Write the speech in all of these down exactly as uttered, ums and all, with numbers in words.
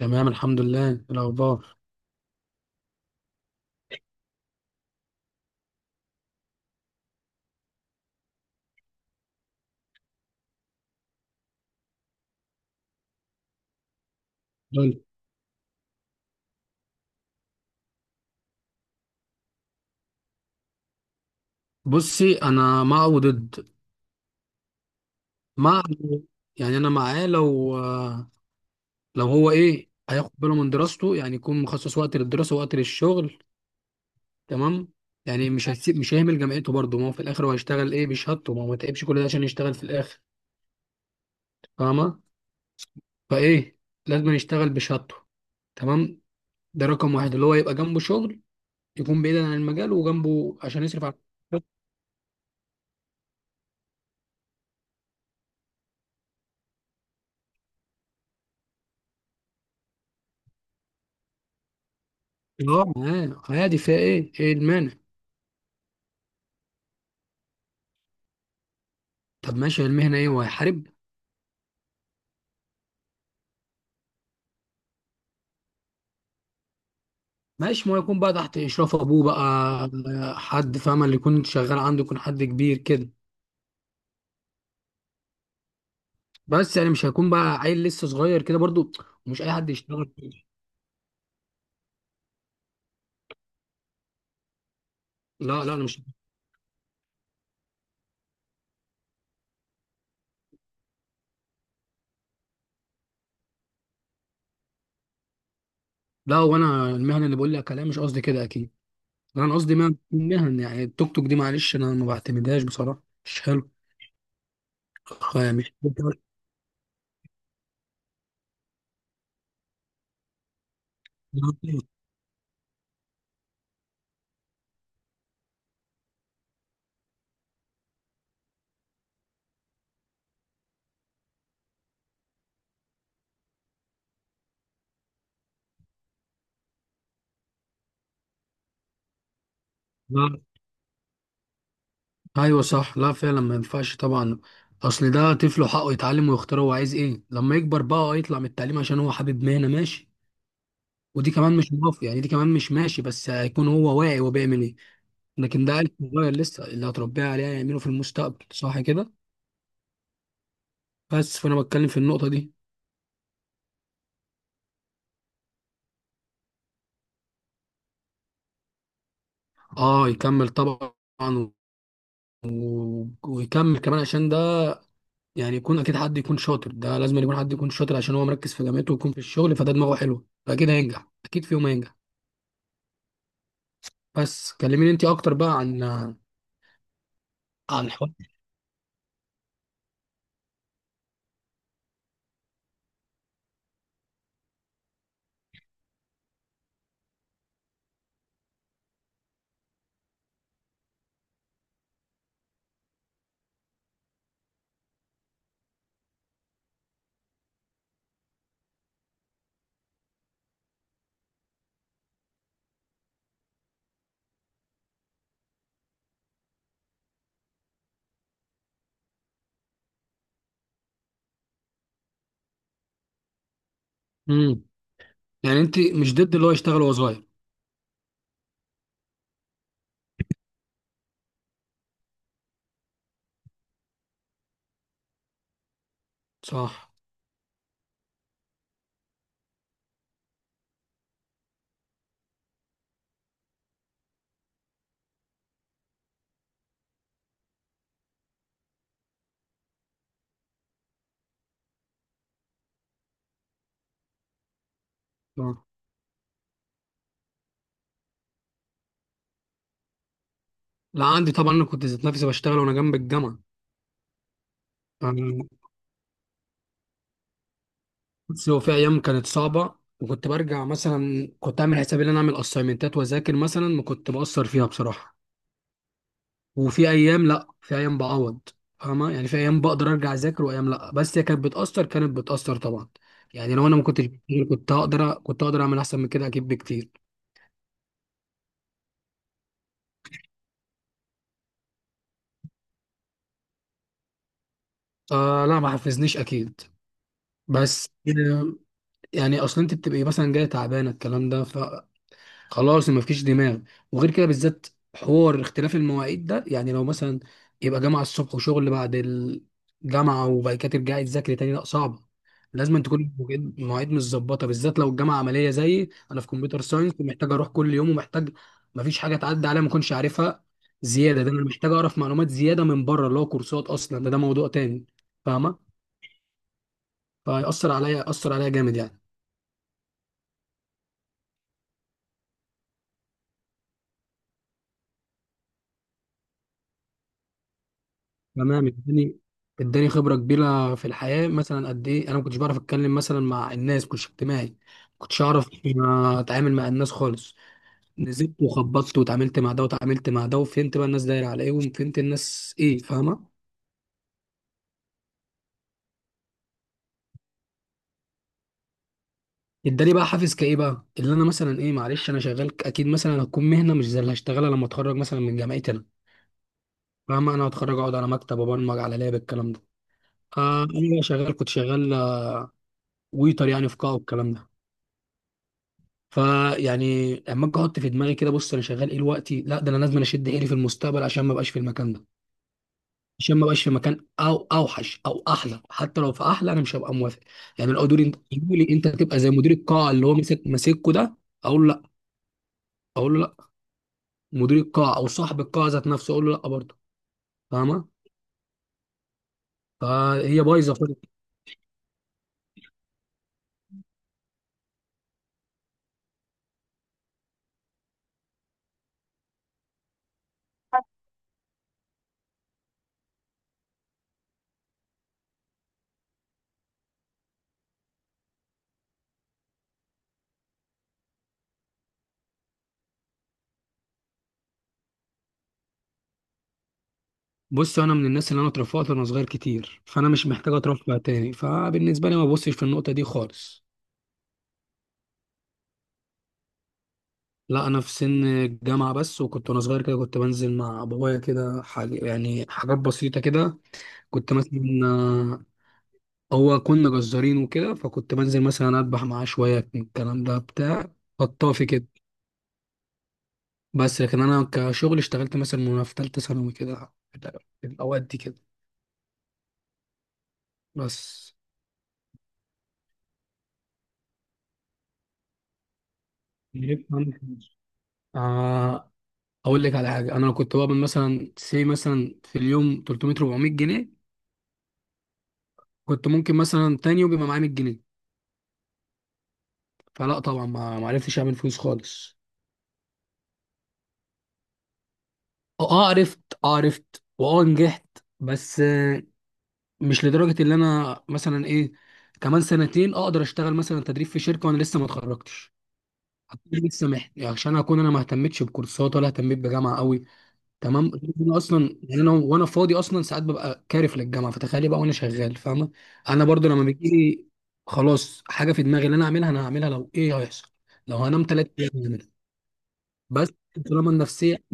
تمام، الحمد لله. إيه الاخبار؟ قول. بصي انا مع وضد. مع، يعني انا معاه لو لو هو ايه هياخد باله من دراسته، يعني يكون مخصص وقت للدراسه ووقت للشغل، تمام؟ يعني مش هيسيب مش هيهمل جامعته برضه، ما هو في الاخر هو هيشتغل ايه بشهادته؟ ما هو ما تعبش كل ده عشان يشتغل في الاخر. فاهمه؟ فايه، لازم يشتغل بشهادته، تمام. ده رقم واحد، اللي هو يبقى جنبه شغل يكون بعيدا عن المجال وجنبه عشان يصرف على. اه معاه عادي، فيها ايه؟ ايه المانع؟ طب ماشي، المهنة ايه هو هيحارب؟ ماشي، ما هو يكون بقى تحت اشراف ابوه بقى، حد فاهم، اللي يكون شغال عنده يكون حد كبير كده، بس يعني مش هيكون بقى عيل لسه صغير كده برضو. ومش اي حد يشتغل فيه. لا لا انا مش لا، وانا المهنة اللي بقول لك عليها مش قصدي كده اكيد. لا انا قصدي مهن، مهن يعني التوك توك دي معلش انا ما بعتمدهاش بصراحة، مش حلو. يعني مش- لا ايوه صح، لا فعلا ما ينفعش طبعا. اصل ده طفله حقه يتعلم ويختار هو عايز ايه لما يكبر بقى. آه يطلع من التعليم عشان هو حابب مهنه، ماشي. ودي كمان مش موافق، يعني دي كمان مش ماشي، بس هيكون هو واعي هو بيعمل ايه. لكن ده عيل صغير لسه، اللي هتربيه عليه هيعمله في المستقبل، صح كده؟ بس فانا بتكلم في النقطه دي. اه يكمل طبعا. و... و- ويكمل كمان عشان ده يعني يكون اكيد حد يكون شاطر. ده لازم يكون حد يكون شاطر عشان هو مركز في جامعته ويكون في الشغل، فده دماغه حلوه فاكيد هينجح، اكيد في يوم هينجح. بس كلميني انت اكتر بقى عن، عن الحوار. امم يعني انت مش ضد اللي هو يشتغل وهو صغير؟ صح. صح. لا عندي طبعا، انا كنت ذات نفسي بشتغل وانا جنب الجامعه. يعني بص، هو في ايام كانت صعبه وكنت برجع مثلا، كنت اعمل حسابي ان انا اعمل اسايمنتات واذاكر مثلا، ما كنت بأثر فيها بصراحه. وفي ايام لا، في ايام بعوض. فاهمه؟ يعني في ايام بقدر ارجع اذاكر وايام لا، بس هي كانت بتأثر، كانت بتأثر طبعا. يعني لو انا ما كنتش بشتغل كنت هقدر كنت هقدر اعمل احسن من كده اكيد بكتير. آه لا ما حفزنيش اكيد. بس يعني اصلا انت بتبقي مثلا جايه تعبانه الكلام ده، فخلاص ما فيش دماغ. وغير كده بالذات حوار اختلاف المواعيد ده، يعني لو مثلا يبقى جامعه الصبح وشغل بعد الجامعه وبعد كده ترجعي تذاكري تاني، لا صعبه. لازم تكون مواعيد مواعيد متظبطه، بالذات لو الجامعه عمليه زيي انا في كمبيوتر ساينس ومحتاج اروح كل يوم، ومحتاج ما فيش حاجه تعدي عليا ما اكونش عارفها. زياده ده انا محتاج اعرف معلومات زياده من بره اللي هو كورسات، اصلا ده ده موضوع تاني. فاهمه؟ فيأثر عليا، أثر عليا جامد يعني. تمام، اداني، اداني خبره كبيره في الحياه. مثلا قد ايه انا ما كنتش بعرف اتكلم مثلا مع الناس، كنتش اجتماعي، ما كنتش اعرف، ما اتعامل مع الناس خالص. نزلت وخبطت وتعاملت مع ده وتعاملت مع ده، وفهمت بقى الناس دايره على ايه، وفهمت الناس ايه. فاهمه؟ اداني بقى حافز، كايه بقى اللي انا مثلا ايه، معلش انا شغال ك- اكيد مثلا هتكون مهنه مش زي اللي هشتغلها لما اتخرج مثلا من جامعتي انا. فاهمه؟ انا هتخرج اقعد على مكتب ابرمج على لاب، الكلام ده. آه انا شغال، كنت شغال آه، ويتر يعني في قاعه والكلام ده. فيعني اما اجي احط في دماغي كده، بص انا شغال ايه دلوقتي؟ لا ده انا لازم اشد حيلي في المستقبل عشان ما ابقاش في المكان ده، عشان ما ابقاش في مكان او اوحش او احلى. حتى لو في احلى انا مش هبقى موافق. يعني لو دوري انت يجوا لي انت تبقى زي مدير القاعه، اللي هو مسك ماسكه ده، اقول لا اقول له لا. مدير القاعه او صاحب القاعه ذات نفسه اقول له لا برضه. فاهمه؟ فهي بايظه خالص. بص انا من الناس اللي انا اترفعت وانا صغير كتير، فانا مش محتاج اترفع تاني، فبالنسبه لي ما ببصش في النقطه دي خالص. لا انا في سن الجامعه بس، وكنت وانا صغير كده كنت بنزل مع بابايا كده، حاجة يعني حاجات بسيطه كده. كنت مثلا آه، هو كنا جزارين وكده، فكنت بنزل مثلا اذبح معاه شويه من الكلام ده بتاع خطافي كده. بس لكن انا كشغل اشتغلت مثلا وانا في ثالثه ثانوي كده، في الاوقات دي كده. بس جيت عندي فلوس. آه، اقول لك على حاجه، انا لو كنت بقبض مثلا سي مثلا في اليوم 300 400 جنيه، كنت ممكن مثلا تاني يوم يبقى معايا 100 جنيه. فلا طبعا، ما ما عرفتش اعمل فلوس خالص. اه عرفت، اه عرفت، واه نجحت. بس آه، مش لدرجه اللي انا مثلا ايه، كمان سنتين اقدر اشتغل مثلا تدريب في شركه وانا لسه ما اتخرجتش، هكون لسه محت... يعني عشان اكون انا ما اهتمتش بكورسات ولا اهتميت بجامعه قوي. تمام. انا اصلا يعني انا وانا فاضي اصلا ساعات ببقى كارف للجامعه، فتخيلي بقى وانا شغال. فاهمه؟ انا برضو لما بيجي لي خلاص حاجه في دماغي اللي انا اعملها انا هعملها، لو ايه هيحصل، لو هنام ثلاث ايام هعملها. بس طالما النفسيه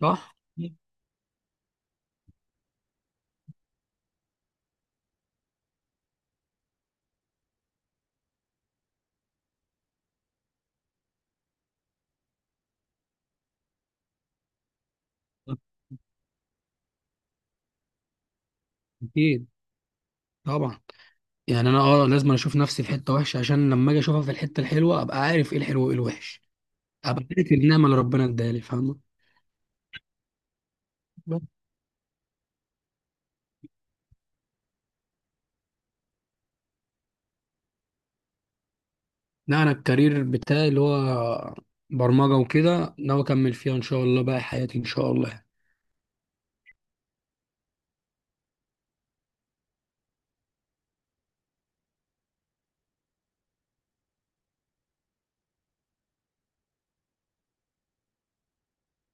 صح. اكيد طبعا. يعني انا اه لازم اشوف نفسي في حته وحشه عشان لما اجي اشوفها في الحته الحلوه ابقى عارف ايه الحلو وايه الوحش، ابقى عارف النعمه اللي ربنا اداها لي. فاهمه؟ بس. لا انا الكارير بتاعي اللي هو برمجه وكده، ناوي اكمل فيها ان شاء الله باقي حياتي ان شاء الله.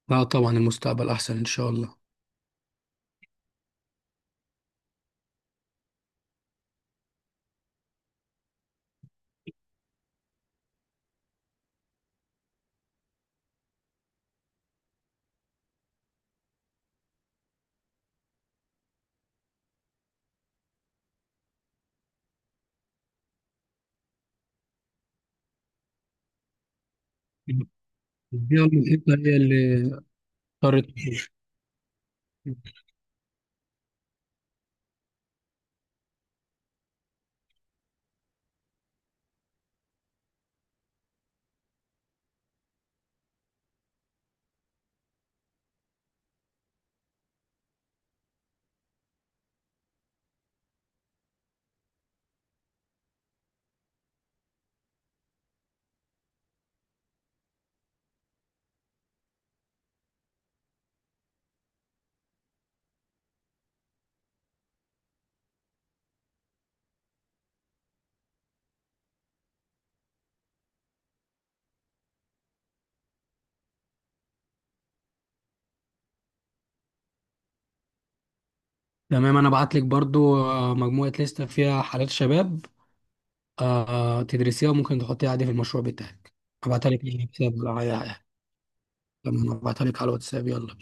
لا طبعا المستقبل احسن ان شاء الله. دي أول الحته هي اللي اضطرت. تمام، انا بعت لك برضو آه، مجموعه لسته فيها حالات شباب، آه تدرسيها وممكن تحطيها عادي في المشروع بتاعك. ابعتها لك يعني بسبب- آه، لما ابعتها لك على الواتساب، يلا.